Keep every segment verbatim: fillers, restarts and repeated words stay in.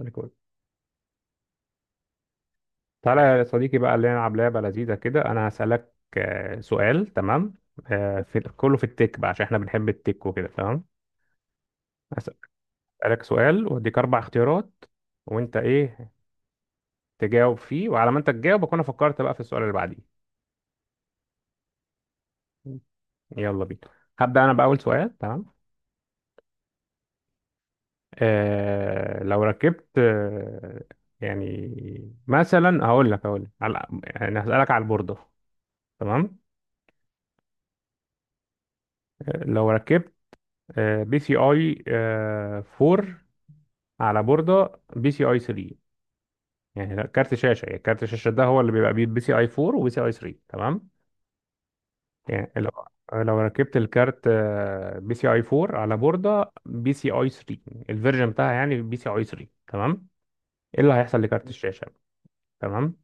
ريكورد. تعالى يا صديقي بقى اللي نلعب لعبة لذيذة كده. أنا هسألك آه، سؤال. تمام. آه، في كله في التك بقى عشان احنا بنحب التك وكده. تمام. هسألك سؤال وأديك أربع اختيارات، وأنت إيه تجاوب فيه، وعلى ما أنت تجاوب أكون أنا فكرت بقى في السؤال اللي بعديه. يلا بينا. هبدأ أنا بأول سؤال. تمام. آه لو ركبت آه يعني مثلا هقول لك هقول لك على يعني هسألك على البوردة. تمام. آه، لو ركبت آه، بي سي اي أربعة على بوردة بي سي اي تلاتة. يعني لا، كارت شاشة. يعني كارت الشاشة ده هو اللي بيبقى بي بي سي اي أربعة وبي سي اي تلاتة. تمام. يعني لو لو ركبت الكارت آه، بي سي اي أربعة على بوردة بي سي اي تلاتة، الفيرجن بتاعها يعني بي سي اي تلاتة. تمام. ايه اللي هيحصل لكارت الشاشة؟ تمام.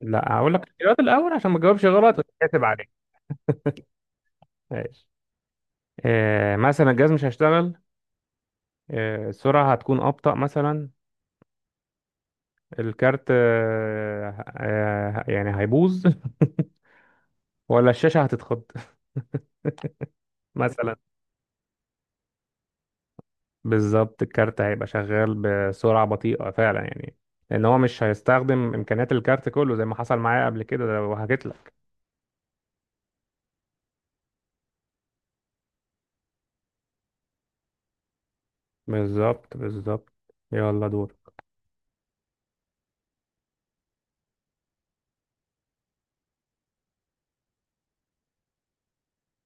لا، هقول لك الاختيارات الاول عشان ما تجاوبش غلط وتتحاسب عليك. ماشي. آه، مثلا الجهاز مش هيشتغل. آه، السرعة هتكون أبطأ مثلا. الكارت آه، آه، يعني هيبوظ. ولا الشاشة هتتخض مثلا. بالظبط، الكارت هيبقى شغال بسرعة بطيئة فعلا يعني، لأن هو مش هيستخدم إمكانيات الكارت كله زي ما حصل معايا قبل كده ده وحكيت لك. بالظبط، بالظبط. يلا دور.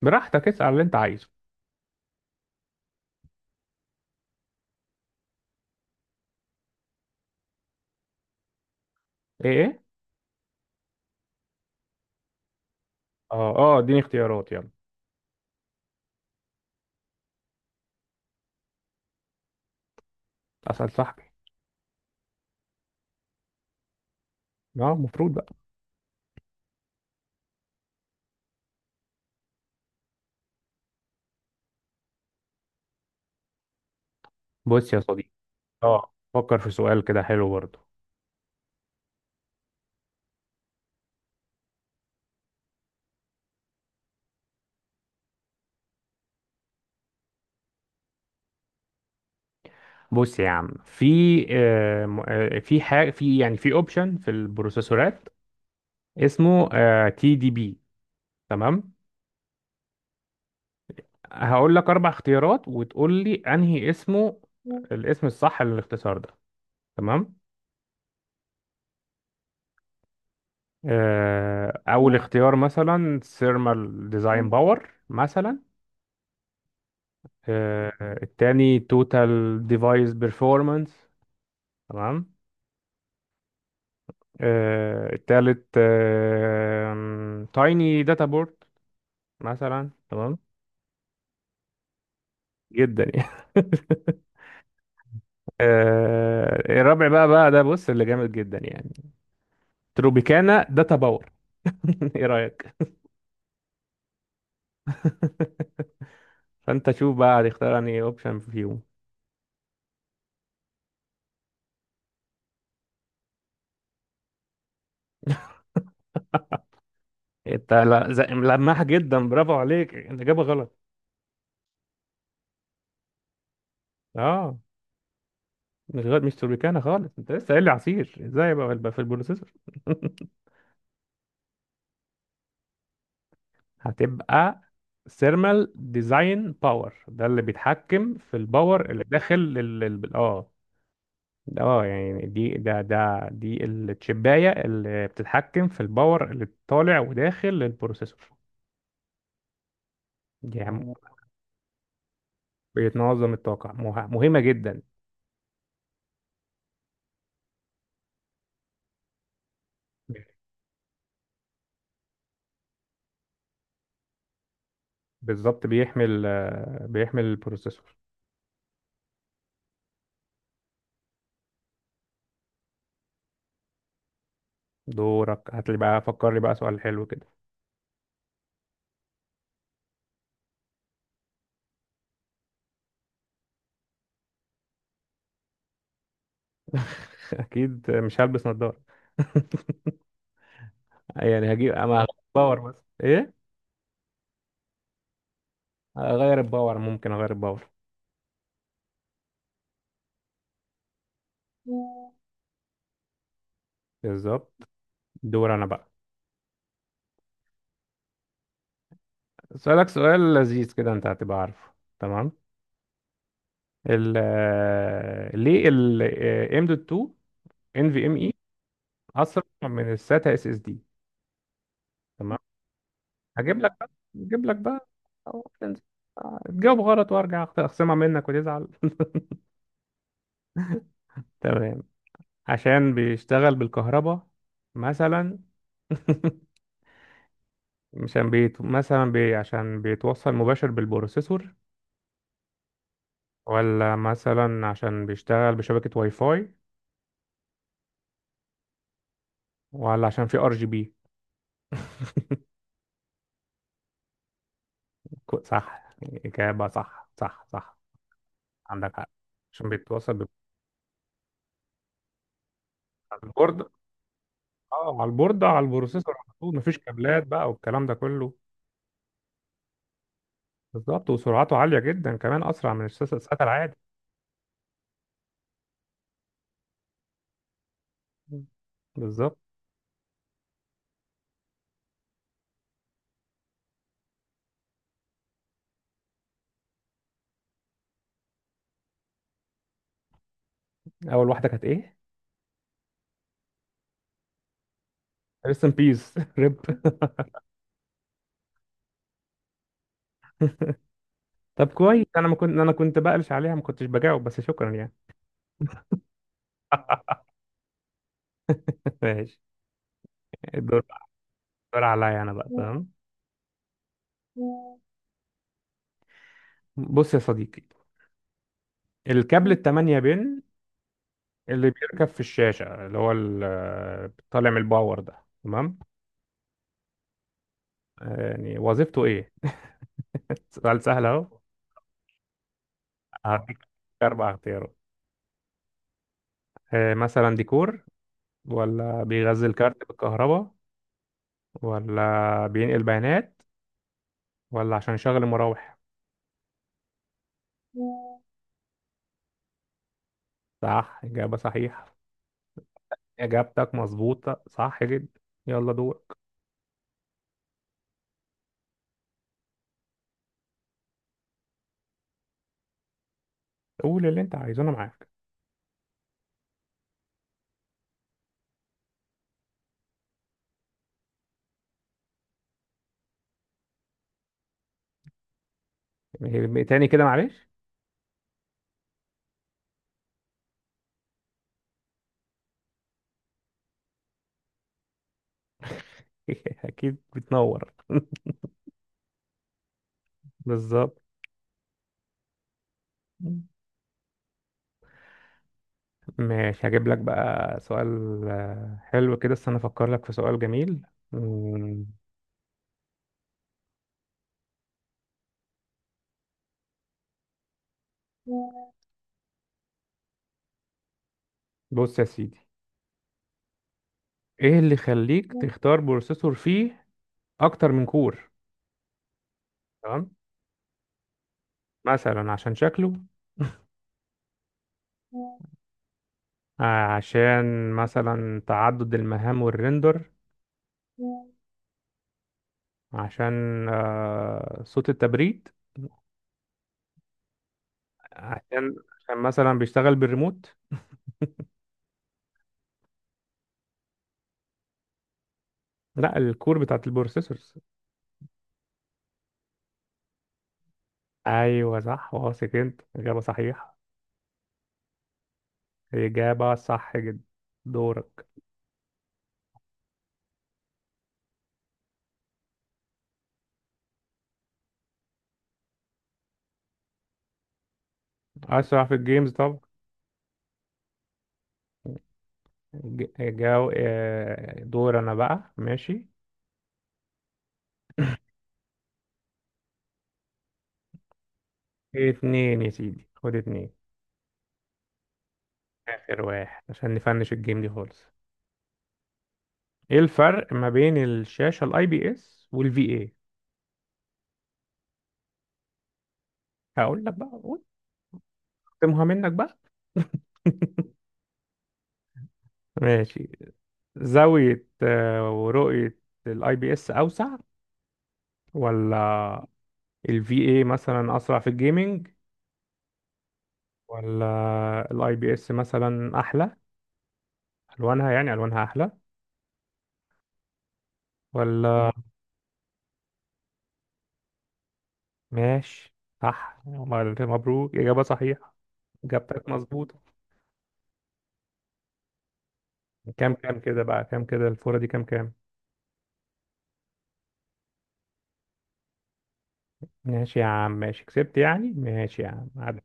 براحتك، اسأل اللي أنت عايزه. إيه إيه؟ أه أه، إديني اختيارات يلا. أسأل صاحبي. أه، المفروض بقى. بص يا صديقي. أه، فكر في سؤال كده حلو برضه. بص يا عم، في آه م- آه، في حاجة في يعني في أوبشن في البروسيسورات اسمه تي دي بي. تمام. هقول لك اربع اختيارات وتقول لي انهي اسمه، الاسم الصح للاختصار ده. تمام. آه، اول اختيار مثلا ثيرمال ديزاين باور مثلا. آه، التاني توتال ديفايس بيرفورمانس. تمام. آه، التالت تايني داتا بورد مثلا. تمام جدا يعني. آه، الرابع بقى بقى ده بص اللي جامد جدا يعني، تروبيكانا داتا باور. ايه رأيك؟ فانت شوف بقى هتختار انهي اوبشن فيهم. انت لا- ز- ملمح جدا، برافو عليك. الاجابه غلط. اه، مش غلط. مش توربيكانا خالص، انت لسه قايل لي عصير، ازاي بقى يبقى في البروسيسور. هتبقى ثيرمال ديزاين باور ده اللي بيتحكم في الباور اللي داخل لل... لل- اه ده- اه يعني دي ده ده دي التشبايه اللي بتتحكم في الباور اللي طالع وداخل للبروسيسور يعني آه. بيتنظم الطاقه. مه- مهمه جدا. بالظبط. بيحمل آه، بيحمل البروسيسور. دورك، هات لي بقى، فكر لي بقى سؤال حلو كده. اكيد مش هلبس نظارة. يعني هجيب اما هغير الباور، بس ايه. هغير الباور، ممكن اغير الباور. بالظبط. دور انا بقى. سؤالك سؤال لذيذ كده، انت هتبقى عارفه. تمام. ال آه، ليه ال آه، ام دوت اتنين ان في ام اي اسرع من الساتا اس اس دي؟ تمام. هجيب لك بقى هجيب لك بقى تجاوب غلط وارجع أخت- اخصمها منك وتزعل. تمام. عشان بيشتغل بالكهرباء مثلا. عشان بيت مثلا بي عشان بيتوصل مباشر بالبروسيسور. ولا مثلا عشان بيشتغل بشبكة واي فاي. ولا عشان في ار جي بي. صح، إجابة صح، صح، صح. عندك حق. عشان بيتوصل بال- على البورد، اه على البورد، على البروسيسور على طول، مفيش كابلات بقى والكلام ده كله. بالظبط. وسرعته عالية جدا كمان، أسرع من السات العادي. بالظبط. اول واحده كانت ايه؟ ريست ان بيس. ريب. طب كويس، انا ما كنت انا كنت بقلش عليها، ما كنتش بجاوب، بس شكرا يعني. ماشي. الدور الدور عليا انا بقى. تمام. بص يا صديقي، الكابل التمانية بين اللي بيركب في الشاشة، اللي هو ال- طالع من الباور ده. تمام. يعني وظيفته ايه؟ سؤال سهل اهو. هديك اربع اختيارات. آه، مثلا ديكور، ولا بيغذي الكارت بالكهرباء، ولا بينقل بيانات، ولا عشان يشغل المراوح. صح، إجابة صحيحة. إجابتك مظبوطة صح جدا. يلا دورك. قول اللي أنت عايزه، أنا معاك. إيه، تاني كده معلش. أكيد بتنور. بالظبط. ماشي، هجيب لك بقى سؤال آه، حلو كده. استنى أفكر لك في سؤال جميل مم، بص يا سيدي، إيه اللي يخليك تختار بروسيسور فيه أكتر من كور؟ تمام. مثلا عشان شكله. آه، عشان مثلا تعدد المهام والريندر. عشان آه، صوت التبريد. عشان عشان مثلا بيشتغل بالريموت. لا، الكور بتاعت البروسيسورز. ايوه صح، واثق انت، اجابه صحيحه. اجابه صح جدا. دورك. اسرع في الجيمز طب. ج- جو آه، دور انا بقى. ماشي. اتنين يا سيدي، خد اتنين. اخر واحد عشان نفنش الجيم دي خالص. ايه الفرق ما بين الشاشه الاي بي اس والفي اي؟ هقول لك بقى، قول. اختمها منك بقى. ماشي. زاوية آه، ورؤية الاي بي اس اوسع؟ ولا الفي اي مثلا اسرع في الجيمنج؟ ولا الاي بي اس مثلا احلى الوانها، يعني الوانها احلى؟ ولا؟ ماشي. صح، مبروك، اجابة صحيحة. اجابتك مظبوطة. كام كام كده بقى، كام كده الفورة دي، كام كام؟ ماشي يا عم، ماشي. كسبت يعني. ماشي يا عم، عاد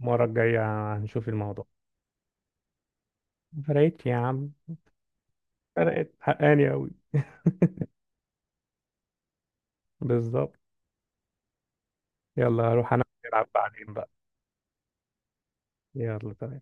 المرة الجاية هنشوف الموضوع. ما فرقتش يا عم. فرقت حقاني أوي. بالظبط. يلا، هروح أنا ألعب بعدين بقى. يلا تمام.